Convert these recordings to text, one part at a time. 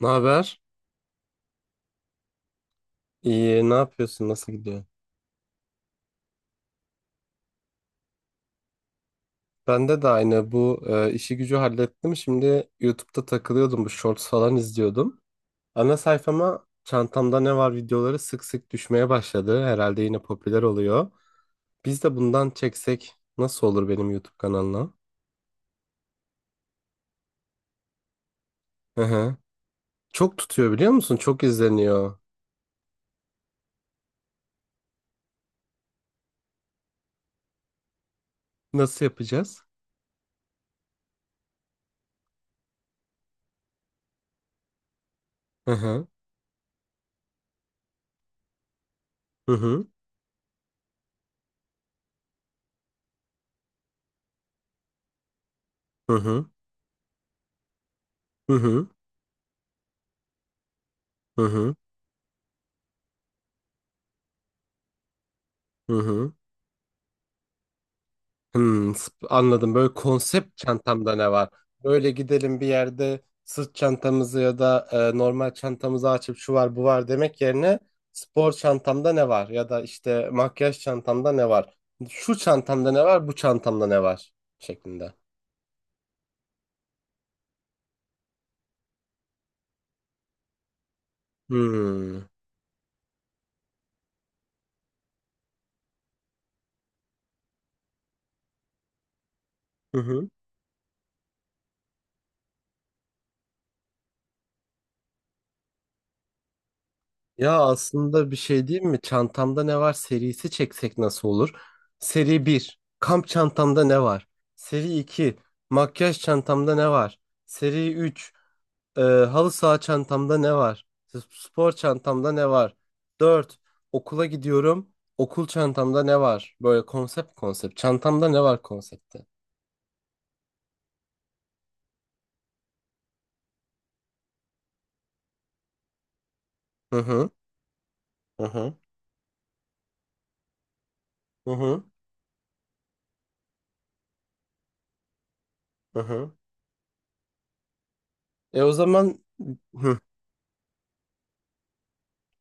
Ne haber? İyi, ne yapıyorsun? Nasıl gidiyor? Bende de aynı bu işi gücü hallettim. Şimdi YouTube'da takılıyordum, bu shorts falan izliyordum. Ana sayfama çantamda ne var videoları sık sık düşmeye başladı. Herhalde yine popüler oluyor. Biz de bundan çeksek nasıl olur benim YouTube kanalına? Hı hı. Çok tutuyor biliyor musun? Çok izleniyor. Nasıl yapacağız? Hı hı. Hı hı. Hı hı. Hı hı. Hı hı. Hı hı. Anladım. Böyle konsept çantamda ne var? Böyle gidelim bir yerde sırt çantamızı ya da normal çantamızı açıp şu var bu var demek yerine spor çantamda ne var? Ya da işte makyaj çantamda ne var? Şu çantamda ne var? Bu çantamda ne var şeklinde. Hmm. Hı hı. Ya aslında bir şey diyeyim mi? Çantamda ne var serisi çeksek nasıl olur? Seri bir. Kamp çantamda ne var? Seri 2. Makyaj çantamda ne var? Seri 3. Halı saha çantamda ne var? Spor çantamda ne var? 4. Okula gidiyorum. Okul çantamda ne var? Böyle konsept konsept. Çantamda ne var konsepti? Hı hı. Hı hı. Hı hı. Hı hı. E o zaman hı.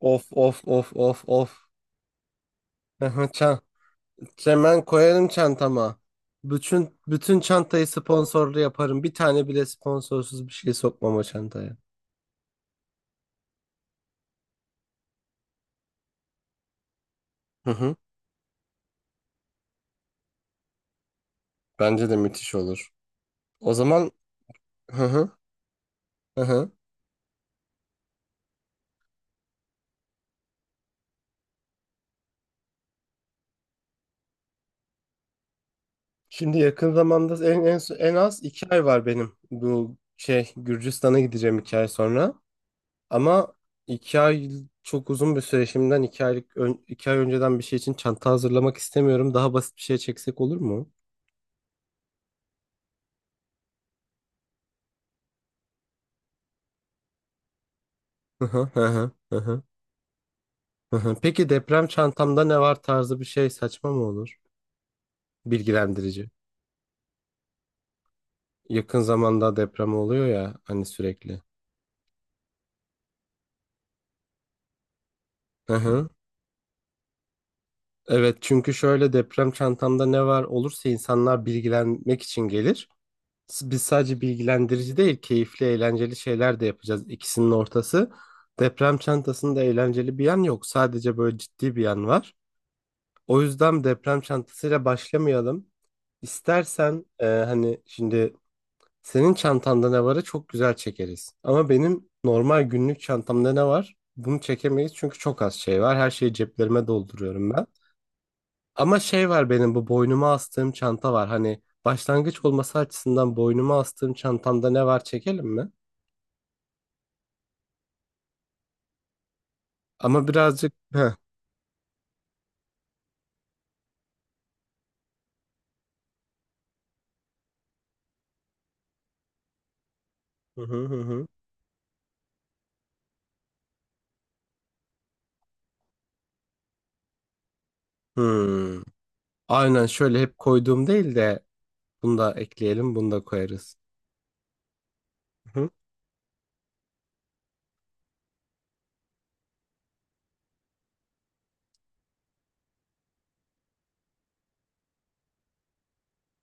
Of of of of of. Hı hı. Hemen koyarım çantama. Bütün bütün çantayı sponsorlu yaparım. Bir tane bile sponsorsuz bir şey sokmam o çantaya. Hı hı. Bence de müthiş olur. O zaman hı hı. Hı hı. Şimdi yakın zamanda en az 2 ay var benim bu şey Gürcistan'a gideceğim 2 ay sonra. Ama 2 ay çok uzun bir süre şimdiden 2 aylık 2 ay önceden bir şey için çanta hazırlamak istemiyorum. Daha basit bir şey çeksek olur mu? Hı hı, hı hı, hı hı, hı hı. Peki deprem çantamda ne var tarzı bir şey saçma mı olur? Bilgilendirici. Yakın zamanda deprem oluyor ya hani sürekli. Hı hı. Evet, çünkü şöyle deprem çantamda ne var olursa insanlar bilgilenmek için gelir. Biz sadece bilgilendirici değil, keyifli, eğlenceli şeyler de yapacağız. İkisinin ortası. Deprem çantasında eğlenceli bir yan yok. Sadece böyle ciddi bir yan var. O yüzden deprem çantasıyla başlamayalım. İstersen hani şimdi senin çantanda ne varı çok güzel çekeriz. Ama benim normal günlük çantamda ne var? Bunu çekemeyiz çünkü çok az şey var. Her şeyi ceplerime dolduruyorum ama şey var benim bu boynuma astığım çanta var. Hani başlangıç olması açısından boynuma astığım çantamda ne var çekelim mi? Ama birazcık heh. Hı hı hı. Hı. Hmm. Aynen şöyle hep koyduğum değil de bunu da ekleyelim, bunu da koyarız. Hı.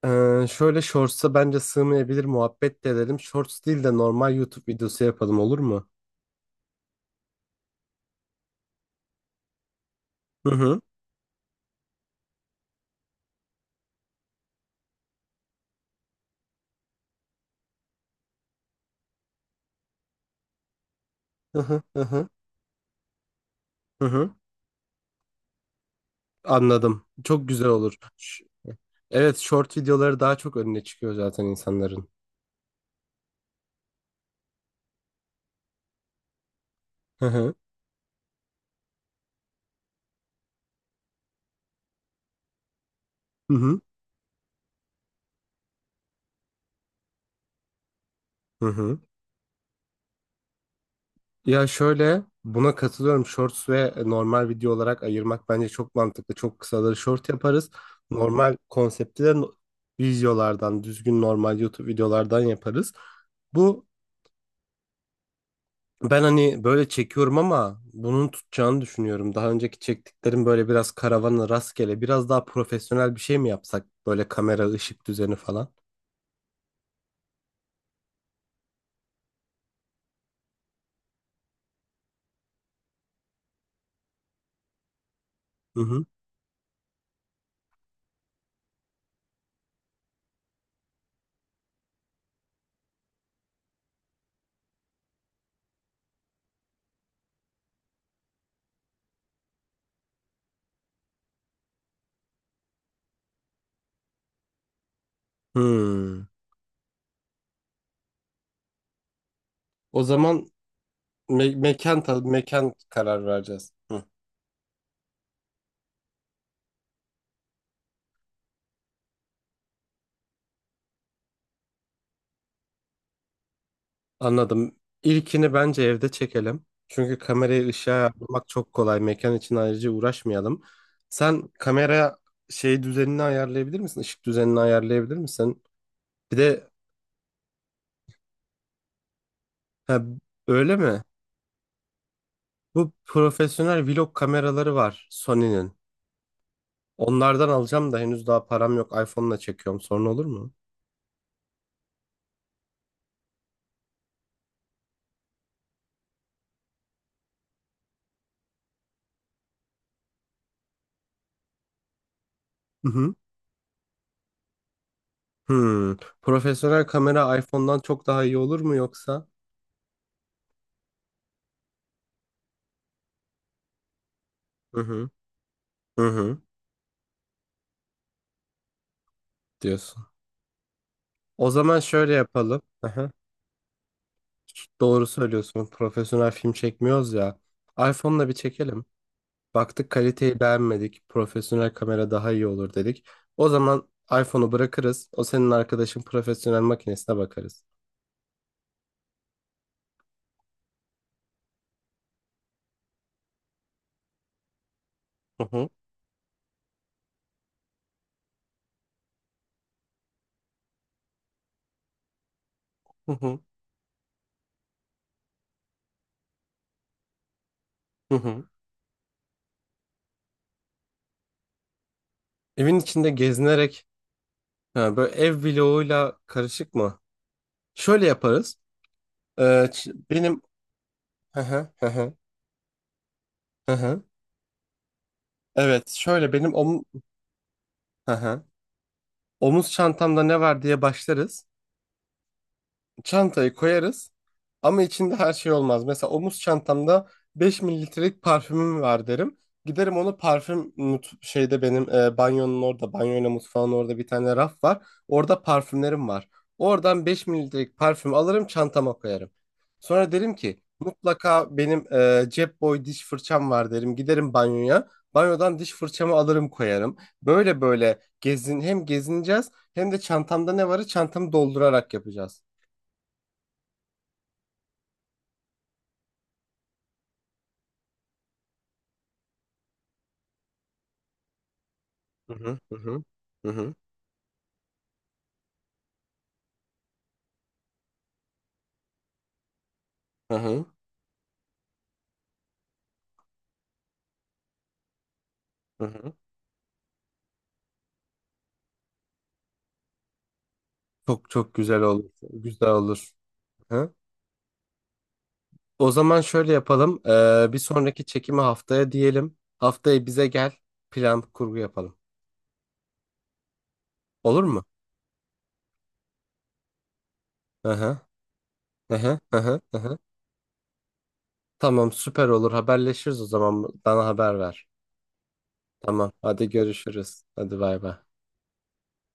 Şöyle shorts'a bence sığmayabilir muhabbet de edelim. Shorts değil de normal YouTube videosu yapalım olur mu? Hı hı. Hı hı hı hı. Hı hı. Anladım. Çok güzel olur. Evet, short videoları daha çok önüne çıkıyor zaten insanların. Hı hı. Hı hı. Ya şöyle buna katılıyorum. Shorts ve normal video olarak ayırmak bence çok mantıklı. Çok kısaları short yaparız. Normal konsepti de videolardan, düzgün normal YouTube videolardan yaparız. Bu ben hani böyle çekiyorum ama bunun tutacağını düşünüyorum. Daha önceki çektiklerim böyle biraz karavanı rastgele, biraz daha profesyonel bir şey mi yapsak? Böyle kamera, ışık düzeni falan. Hı hı. Hmm. O zaman mekan tabii mekan karar vereceğiz. Hı. Anladım. İlkini bence evde çekelim. Çünkü kamerayı ışığa ayarlamak çok kolay. Mekan için ayrıca uğraşmayalım. Sen kamera şey düzenini ayarlayabilir misin? Işık düzenini ayarlayabilir misin? Bir de ha, öyle mi? Bu profesyonel vlog kameraları var Sony'nin. Onlardan alacağım da henüz daha param yok. iPhone'la çekiyorum. Sorun olur mu? Hı hı. Hmm. Profesyonel kamera iPhone'dan çok daha iyi olur mu yoksa? Hı hı. Hı hı. Diyorsun. O zaman şöyle yapalım. Doğru söylüyorsun. Profesyonel film çekmiyoruz ya. iPhone'la bir çekelim. Baktık kaliteyi beğenmedik. Profesyonel kamera daha iyi olur dedik. O zaman iPhone'u bırakırız. O senin arkadaşın profesyonel makinesine bakarız. Hı hı, hı hı, hı hı. Evin içinde gezinerek ha, böyle ev vloguyla karışık mı? Şöyle yaparız. Ee, Benim. Hı hı, hı hı, hı hı. Evet, şöyle benim Hı hı. Omuz çantamda ne var diye başlarız. Çantayı koyarız ama içinde her şey olmaz. Mesela omuz çantamda 5 ml'lik parfümüm var derim. Giderim onu parfüm şeyde benim banyonun orada, banyoyla mutfağın orada bir tane raf var. Orada parfümlerim var. Oradan 5 ml'lik parfüm alırım çantama koyarım. Sonra derim ki mutlaka benim cep boy diş fırçam var derim. Giderim banyoya. Banyodan diş fırçamı alırım koyarım. Böyle böyle hem gezineceğiz hem de çantamda ne varı çantamı doldurarak yapacağız. Hı hı hı hı hı hı hı hı. Hı hı. Çok çok güzel olur. Güzel olur. Hı? O zaman şöyle yapalım. Bir sonraki çekimi haftaya diyelim. Haftaya bize gel. Plan kurgu yapalım. Olur mu? Hı hı. Hı hı. Hı hı. Hı hı. Tamam süper olur. Haberleşiriz o zaman. Bana haber ver. Tamam. Hadi görüşürüz. Hadi bay bay.